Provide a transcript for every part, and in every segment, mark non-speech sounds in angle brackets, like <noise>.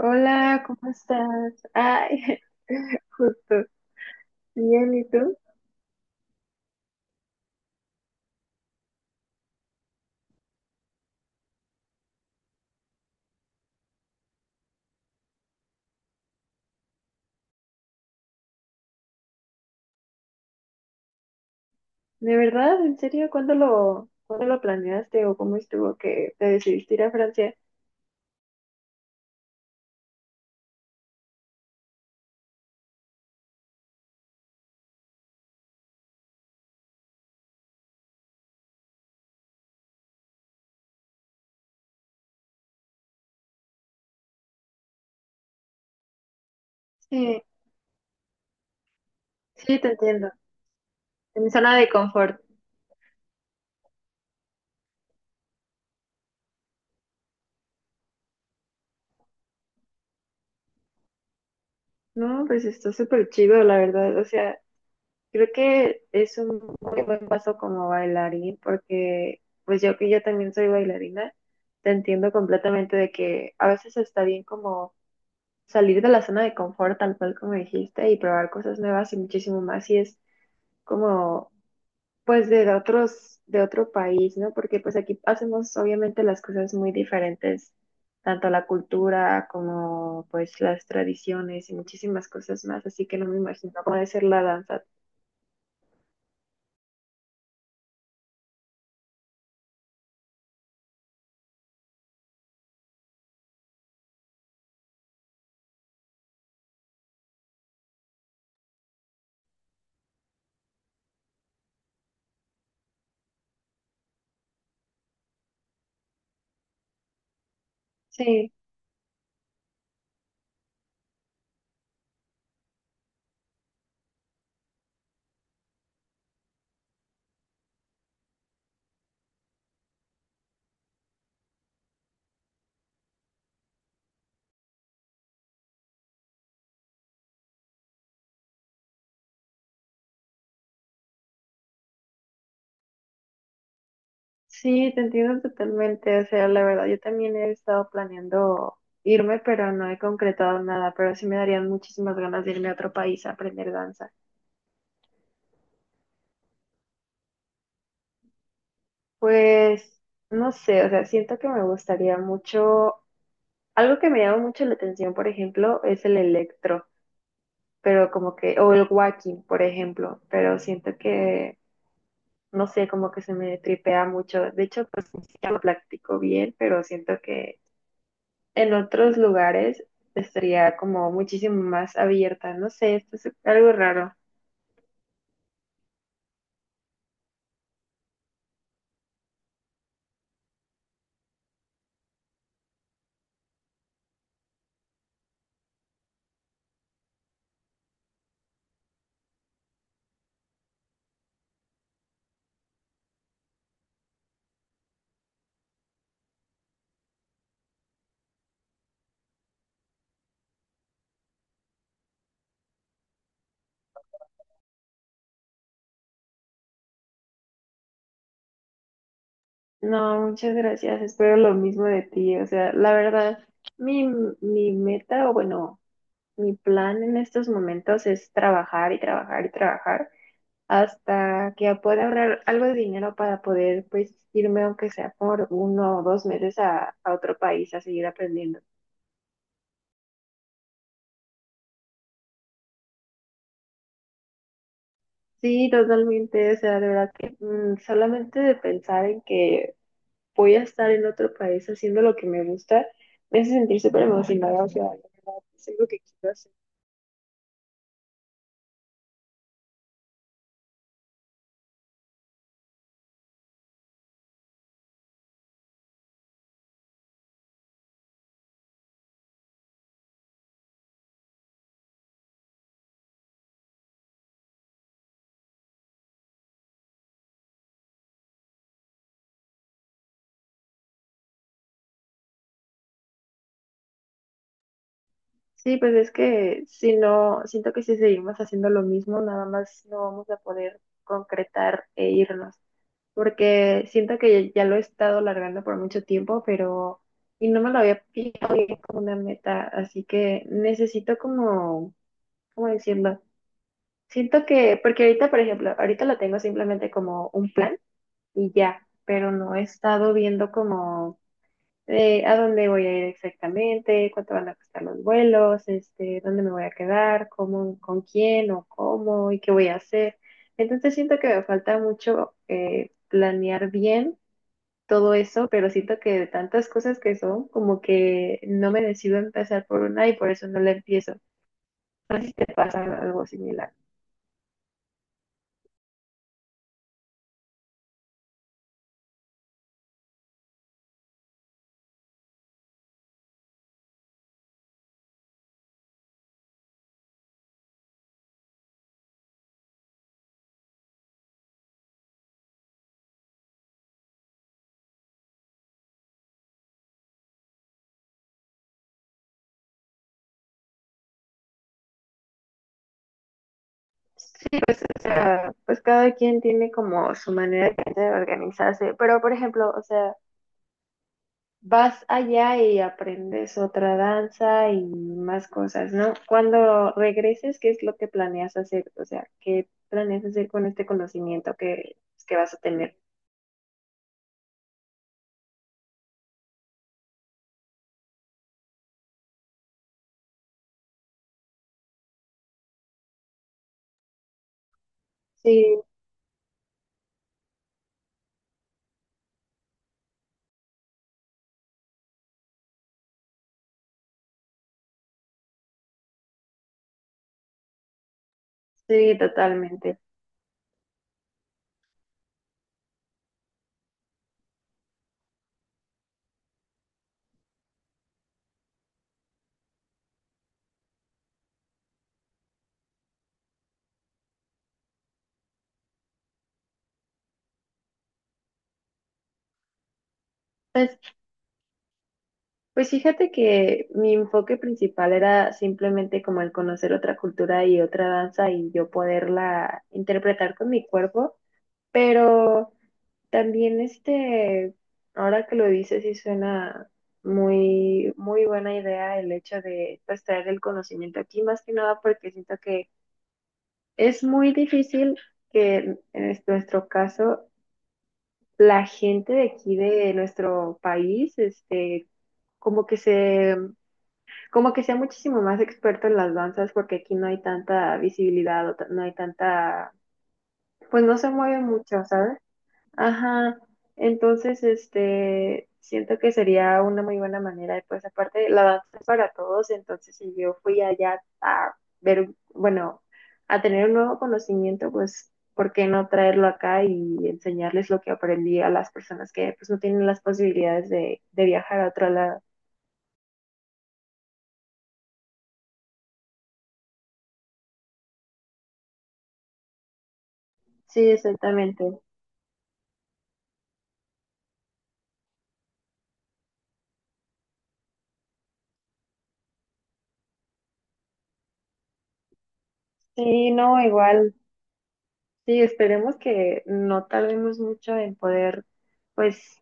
Hola, ¿cómo estás? Ay, <laughs> justo. Bien, ¿y tú? ¿De verdad? ¿En serio? ¿Cuándo lo planeaste o cómo estuvo que te decidiste ir a Francia? Sí, sí, te entiendo. En mi zona de confort. No, pues está súper chido, la verdad. O sea, creo que es un muy buen paso como bailarín porque, pues yo también soy bailarina, te entiendo completamente de que a veces está bien como salir de la zona de confort, tal cual como dijiste, y probar cosas nuevas y muchísimo más, y es como, pues, de otro país, ¿no? Porque pues aquí hacemos obviamente las cosas muy diferentes, tanto la cultura como pues las tradiciones y muchísimas cosas más, así que no me imagino cómo debe ser la danza. Sí, sí, te entiendo totalmente, o sea, la verdad, yo también he estado planeando irme, pero no he concretado nada, pero sí me darían muchísimas ganas de irme a otro país a aprender danza. Pues no sé, o sea, siento que me gustaría mucho, algo que me llama mucho la atención, por ejemplo, es el electro, pero como que, o el walking, por ejemplo, pero siento que, no sé, como que se me tripea mucho. De hecho, pues ni siquiera lo practico bien, pero siento que en otros lugares estaría como muchísimo más abierta, no sé, esto es algo raro. No, muchas gracias, espero lo mismo de ti, o sea, la verdad. Mi, mi meta, o bueno, mi plan en estos momentos es trabajar y trabajar y trabajar hasta que pueda ahorrar algo de dinero para poder pues irme aunque sea por uno o dos meses a otro país a seguir aprendiendo. Sí, totalmente, o sea, de verdad que solamente de pensar en que voy a estar en otro país haciendo lo que me gusta, me hace sentir súper emocionada, o sea, de verdad, es algo que quiero hacer. Sí, pues es que si no, siento que si seguimos haciendo lo mismo, nada más no vamos a poder concretar e irnos, porque siento que ya lo he estado largando por mucho tiempo, pero y no me lo había fijado bien como una meta, así que necesito como, ¿cómo decirlo? Siento que, porque ahorita, por ejemplo, ahorita lo tengo simplemente como un plan y ya, pero no he estado viendo como a dónde voy a ir exactamente, cuánto van a costar los vuelos, este, dónde me voy a quedar, cómo, con quién o cómo y qué voy a hacer. Entonces siento que me falta mucho planear bien todo eso, pero siento que de tantas cosas que son, como que no me decido a empezar por una y por eso no la empiezo. Me pasa algo similar. Sí, pues, o sea, pues cada quien tiene como su manera de organizarse, pero por ejemplo, o sea, vas allá y aprendes otra danza y más cosas, ¿no? Cuando regreses, ¿qué es lo que planeas hacer? O sea, ¿qué planeas hacer con este conocimiento que vas a tener? Sí, sí, totalmente. Pues, pues fíjate que mi enfoque principal era simplemente como el conocer otra cultura y otra danza y yo poderla interpretar con mi cuerpo, pero... También este, ahora que lo dices, sí suena muy buena idea el hecho de pues, traer el conocimiento aquí, más que nada porque siento que es muy difícil que en nuestro caso la gente de aquí de nuestro país, este, como que se, como que sea muchísimo más experto en las danzas porque aquí no hay tanta visibilidad o no hay tanta, pues no se mueve mucho, ¿sabes? Ajá, entonces, este, siento que sería una muy buena manera, y pues aparte, la danza es para todos, entonces si yo fui allá a ver, bueno, a tener un nuevo conocimiento, pues, ¿por qué no traerlo acá y enseñarles lo que aprendí a las personas que, pues, no tienen las posibilidades de viajar a otro lado? Sí, exactamente. Sí, no, igual, sí, esperemos que no tardemos mucho en poder, pues,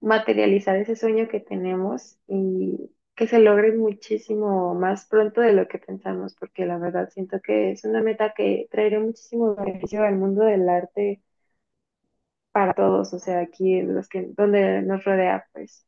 materializar ese sueño que tenemos y que se logre muchísimo más pronto de lo que pensamos, porque la verdad siento que es una meta que traerá muchísimo beneficio al mundo del arte para todos, o sea, aquí en los que, donde nos rodea, pues.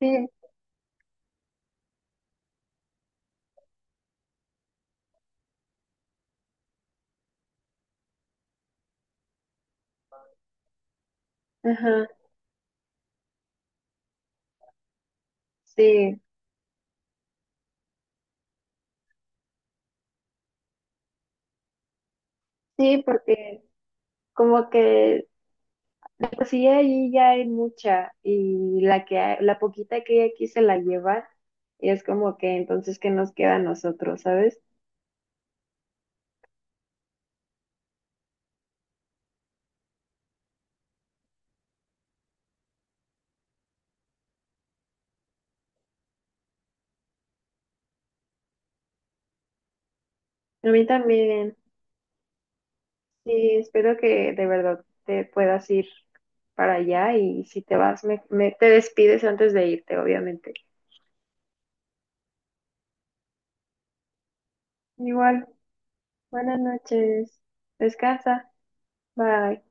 Sí, ajá, sí, sí, porque como que de por sí ahí ya hay mucha y la que hay- la poquita que hay aquí se la lleva y es como que entonces qué nos queda a nosotros, ¿sabes? A mí también. Sí, espero que de verdad te puedas ir para allá y si te vas, te despides antes de irte, obviamente. Igual, buenas noches. Descansa. Bye.